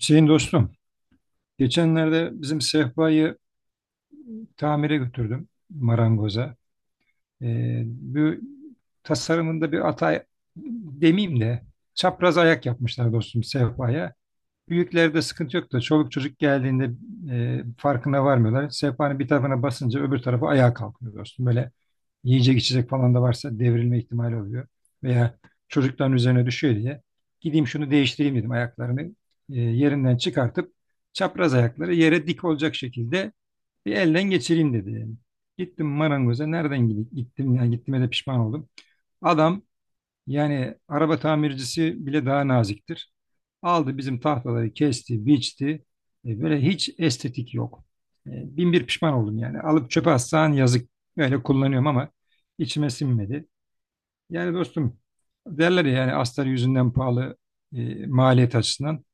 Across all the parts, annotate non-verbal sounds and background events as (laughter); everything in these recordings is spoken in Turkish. Hüseyin dostum, geçenlerde bizim sehpayı tamire götürdüm marangoza. Bu tasarımında bir hata demeyeyim de çapraz ayak yapmışlar dostum sehpaya. Büyüklerde sıkıntı yok da çoluk çocuk geldiğinde farkına varmıyorlar. Sehpanın bir tarafına basınca öbür tarafı ayağa kalkıyor dostum. Böyle yiyecek içecek falan da varsa devrilme ihtimali oluyor. Veya çocukların üzerine düşüyor diye gideyim şunu değiştireyim dedim ayaklarını yerinden çıkartıp çapraz ayakları yere dik olacak şekilde bir elden geçireyim dedi yani. Gittim marangoza nereden gidip gittim yani gittiğime de pişman oldum. Adam yani araba tamircisi bile daha naziktir. Aldı bizim tahtaları kesti, biçti. Böyle hiç estetik yok. E, bin bir pişman oldum yani. Alıp çöpe atsan yazık. Böyle kullanıyorum ama içime sinmedi. Yani dostum derler ya yani astar yüzünden pahalı maliyet açısından.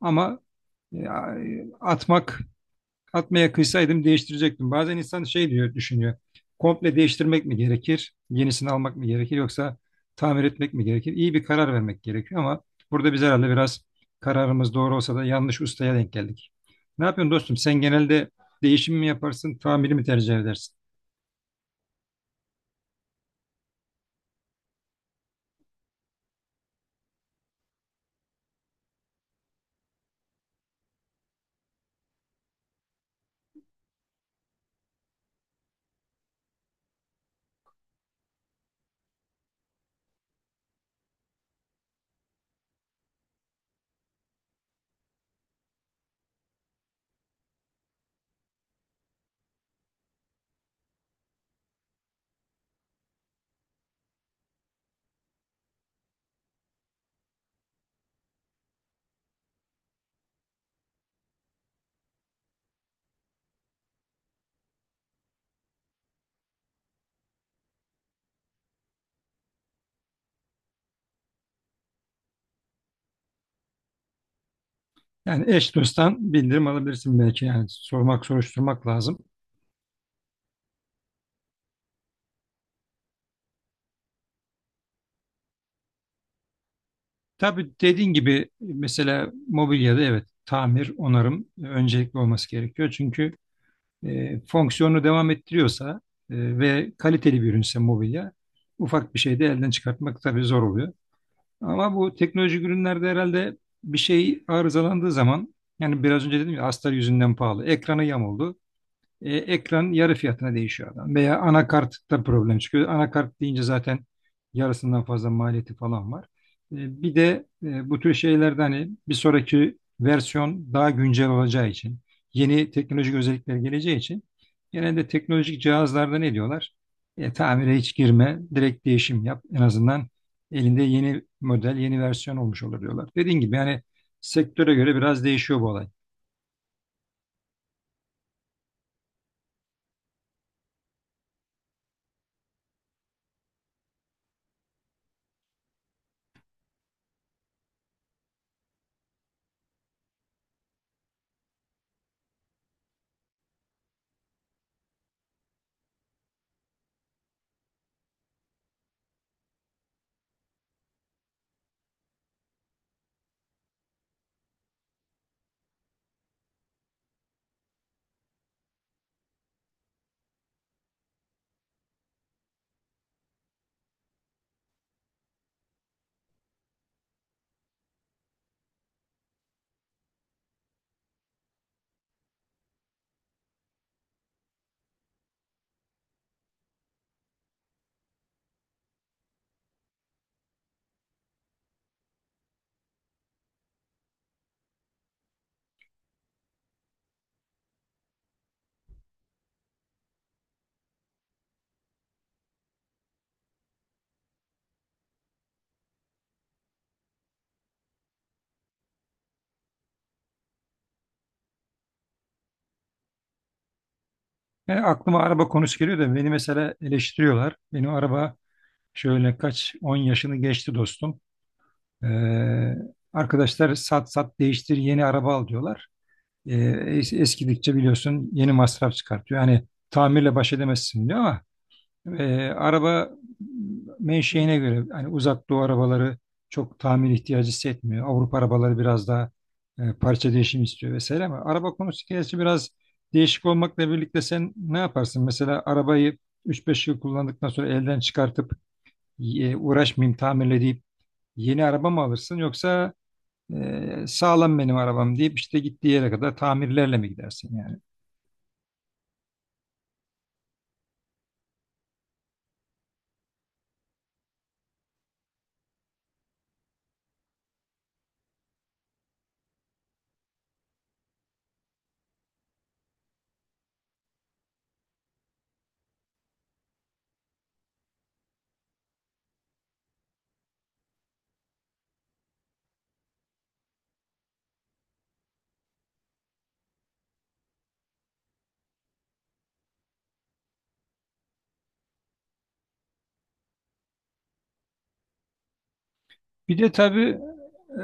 Ama e, atmak Atmaya kıysaydım değiştirecektim. Bazen insan şey diyor, düşünüyor. Komple değiştirmek mi gerekir? Yenisini almak mı gerekir? Yoksa tamir etmek mi gerekir? İyi bir karar vermek gerekiyor ama burada biz herhalde biraz kararımız doğru olsa da yanlış ustaya denk geldik. Ne yapıyorsun dostum? Sen genelde değişim mi yaparsın, tamiri mi tercih edersin? Yani eş dosttan bildirim alabilirsin belki yani sormak, soruşturmak lazım. Tabii dediğin gibi mesela mobilyada evet tamir, onarım öncelikli olması gerekiyor. Çünkü fonksiyonu devam ettiriyorsa ve kaliteli bir ürünse mobilya ufak bir şey de elden çıkartmak tabii zor oluyor. Ama bu teknolojik ürünlerde herhalde bir şey arızalandığı zaman yani biraz önce dedim ya astar yüzünden pahalı. Ekranı yamuldu. Ekran yarı fiyatına değişiyor adam. Veya anakartta problem çıkıyor. Anakart deyince zaten yarısından fazla maliyeti falan var. Bir de bu tür şeylerde hani bir sonraki versiyon daha güncel olacağı için, yeni teknolojik özellikler geleceği için genelde teknolojik cihazlarda ne diyorlar? Tamire hiç girme, direkt değişim yap. En azından elinde yeni model, yeni versiyon olmuş olur diyorlar. Dediğim gibi yani sektöre göre biraz değişiyor bu olay. Yani aklıma araba konusu geliyor da beni mesela eleştiriyorlar. Benim araba şöyle kaç 10 yaşını geçti dostum. Ee, arkadaşlar sat sat değiştir yeni araba al diyorlar. Ee, eskidikçe biliyorsun yeni masraf çıkartıyor. Yani tamirle baş edemezsin diyor ama araba menşeine göre hani uzak doğu arabaları çok tamir ihtiyacı hissetmiyor. Avrupa arabaları biraz daha parça değişimi istiyor vesaire ama araba konusu gerçi biraz değişik olmakla birlikte sen ne yaparsın? Mesela arabayı üç beş yıl kullandıktan sonra elden çıkartıp uğraşmayayım tamirle deyip yeni araba mı alırsın yoksa sağlam benim arabam deyip işte gittiği yere kadar tamirlerle mi gidersin yani? Bir de tabii e,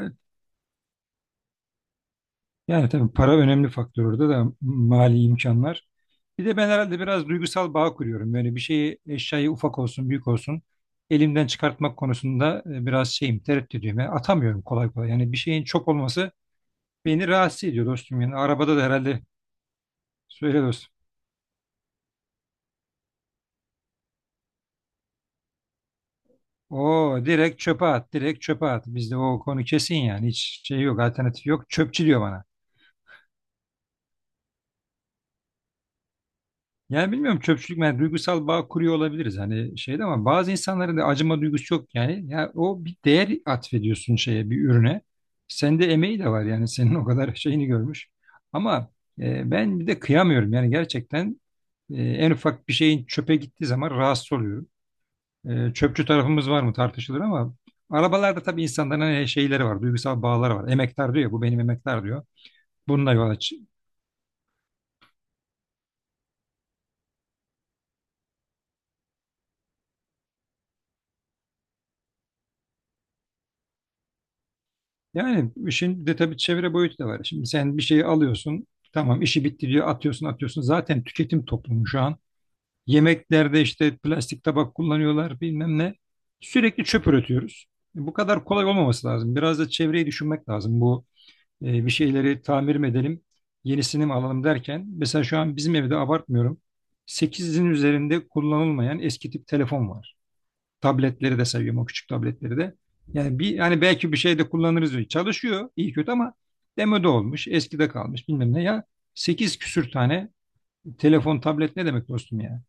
yani tabii para önemli faktör orada da mali imkanlar. Bir de ben herhalde biraz duygusal bağ kuruyorum. Yani bir şeyi eşyayı ufak olsun büyük olsun elimden çıkartmak konusunda biraz şeyim tereddüdüyüm. Yani atamıyorum kolay kolay. Yani bir şeyin çok olması beni rahatsız ediyor dostum. Yani arabada da herhalde. Söyle dostum. O direkt çöpe at, direkt çöpe at. Bizde o konu kesin yani hiç şey yok, alternatif yok. Çöpçü diyor bana. Yani bilmiyorum çöpçülük yani duygusal bağ kuruyor olabiliriz hani şeyde ama bazı insanların da acıma duygusu yok yani. Yani o bir değer atfediyorsun şeye bir ürüne. Sende emeği de var yani senin o kadar (laughs) şeyini görmüş. Ama ben bir de kıyamıyorum yani gerçekten en ufak bir şeyin çöpe gittiği zaman rahatsız oluyorum. Çöpçü tarafımız var mı tartışılır ama arabalarda tabii insanların hani şeyleri var duygusal bağları var. Emektar diyor ya bu benim emektar diyor. Bununla yola, ç- Yani işin bir de tabii çevre boyutu da var. Şimdi sen bir şeyi alıyorsun, tamam işi bitti diyor, atıyorsun atıyorsun. Zaten tüketim toplumu şu an. Yemeklerde işte plastik tabak kullanıyorlar bilmem ne. Sürekli çöp üretiyoruz. Bu kadar kolay olmaması lazım. Biraz da çevreyi düşünmek lazım. Bu bir şeyleri tamir mi edelim, yenisini mi alalım derken. Mesela şu an bizim evde abartmıyorum. Sekizin üzerinde kullanılmayan eski tip telefon var. Tabletleri de seviyorum o küçük tabletleri de. Yani bir yani belki bir şeyde kullanırız diyor. Çalışıyor iyi kötü ama demode olmuş, eskide kalmış bilmem ne ya. Sekiz küsür tane telefon, tablet ne demek dostum ya?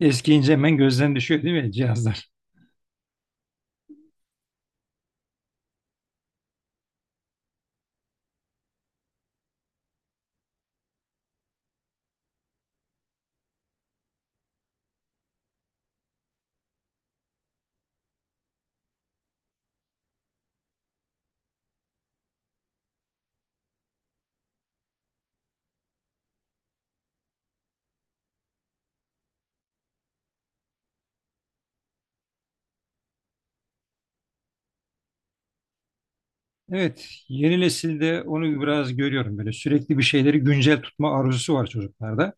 Eskiyince hemen gözden düşüyor değil mi cihazlar? Evet, yeni nesilde onu biraz görüyorum böyle sürekli bir şeyleri güncel tutma arzusu var çocuklarda.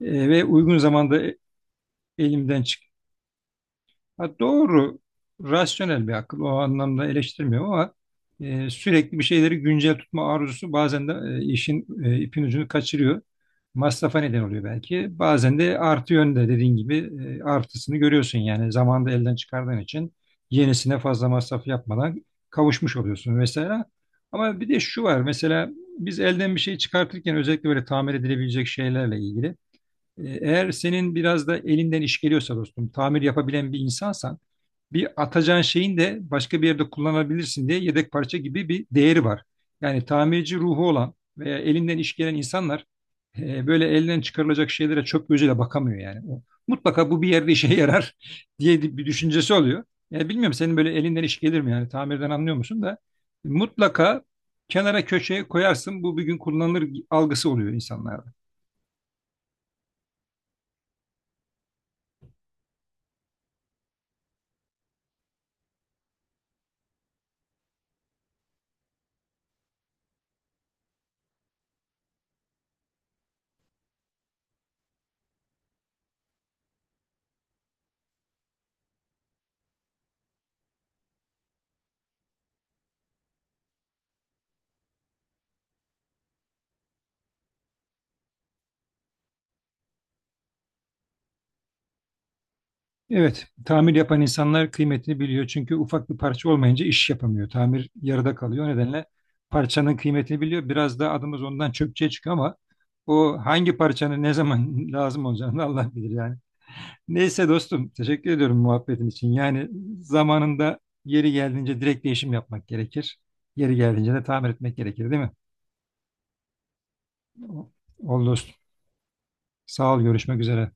Ve uygun zamanda elimden çıkan Ha, doğru, rasyonel bir akıl. O anlamda eleştirmiyorum ama sürekli bir şeyleri güncel tutma arzusu bazen de işin ipin ucunu kaçırıyor. Masrafa neden oluyor belki. Bazen de artı yönde dediğin gibi artısını görüyorsun. Yani zamanda elden çıkardığın için yenisine fazla masraf yapmadan kavuşmuş oluyorsun mesela. Ama bir de şu var mesela biz elden bir şey çıkartırken özellikle böyle tamir edilebilecek şeylerle ilgili eğer senin biraz da elinden iş geliyorsa dostum, tamir yapabilen bir insansan bir atacağın şeyin de başka bir yerde kullanabilirsin diye yedek parça gibi bir değeri var. Yani tamirci ruhu olan veya elinden iş gelen insanlar böyle elinden çıkarılacak şeylere çöp gözüyle bakamıyor yani. O, mutlaka bu bir yerde işe yarar (laughs) diye bir düşüncesi oluyor. Yani bilmiyorum senin böyle elinden iş gelir mi yani tamirden anlıyor musun da mutlaka kenara köşeye koyarsın bu bir gün kullanılır algısı oluyor insanlarda. Evet, tamir yapan insanlar kıymetini biliyor. Çünkü ufak bir parça olmayınca iş yapamıyor. Tamir yarıda kalıyor. O nedenle parçanın kıymetini biliyor. Biraz da adımız ondan çöpçüye çıkıyor ama o hangi parçanın ne zaman (laughs) lazım olacağını Allah bilir yani. Neyse dostum, teşekkür ediyorum muhabbetin için. Yani zamanında yeri geldiğince direkt değişim yapmak gerekir. Yeri geldiğince de tamir etmek gerekir, değil mi? Oldu dostum. Sağ ol, görüşmek üzere.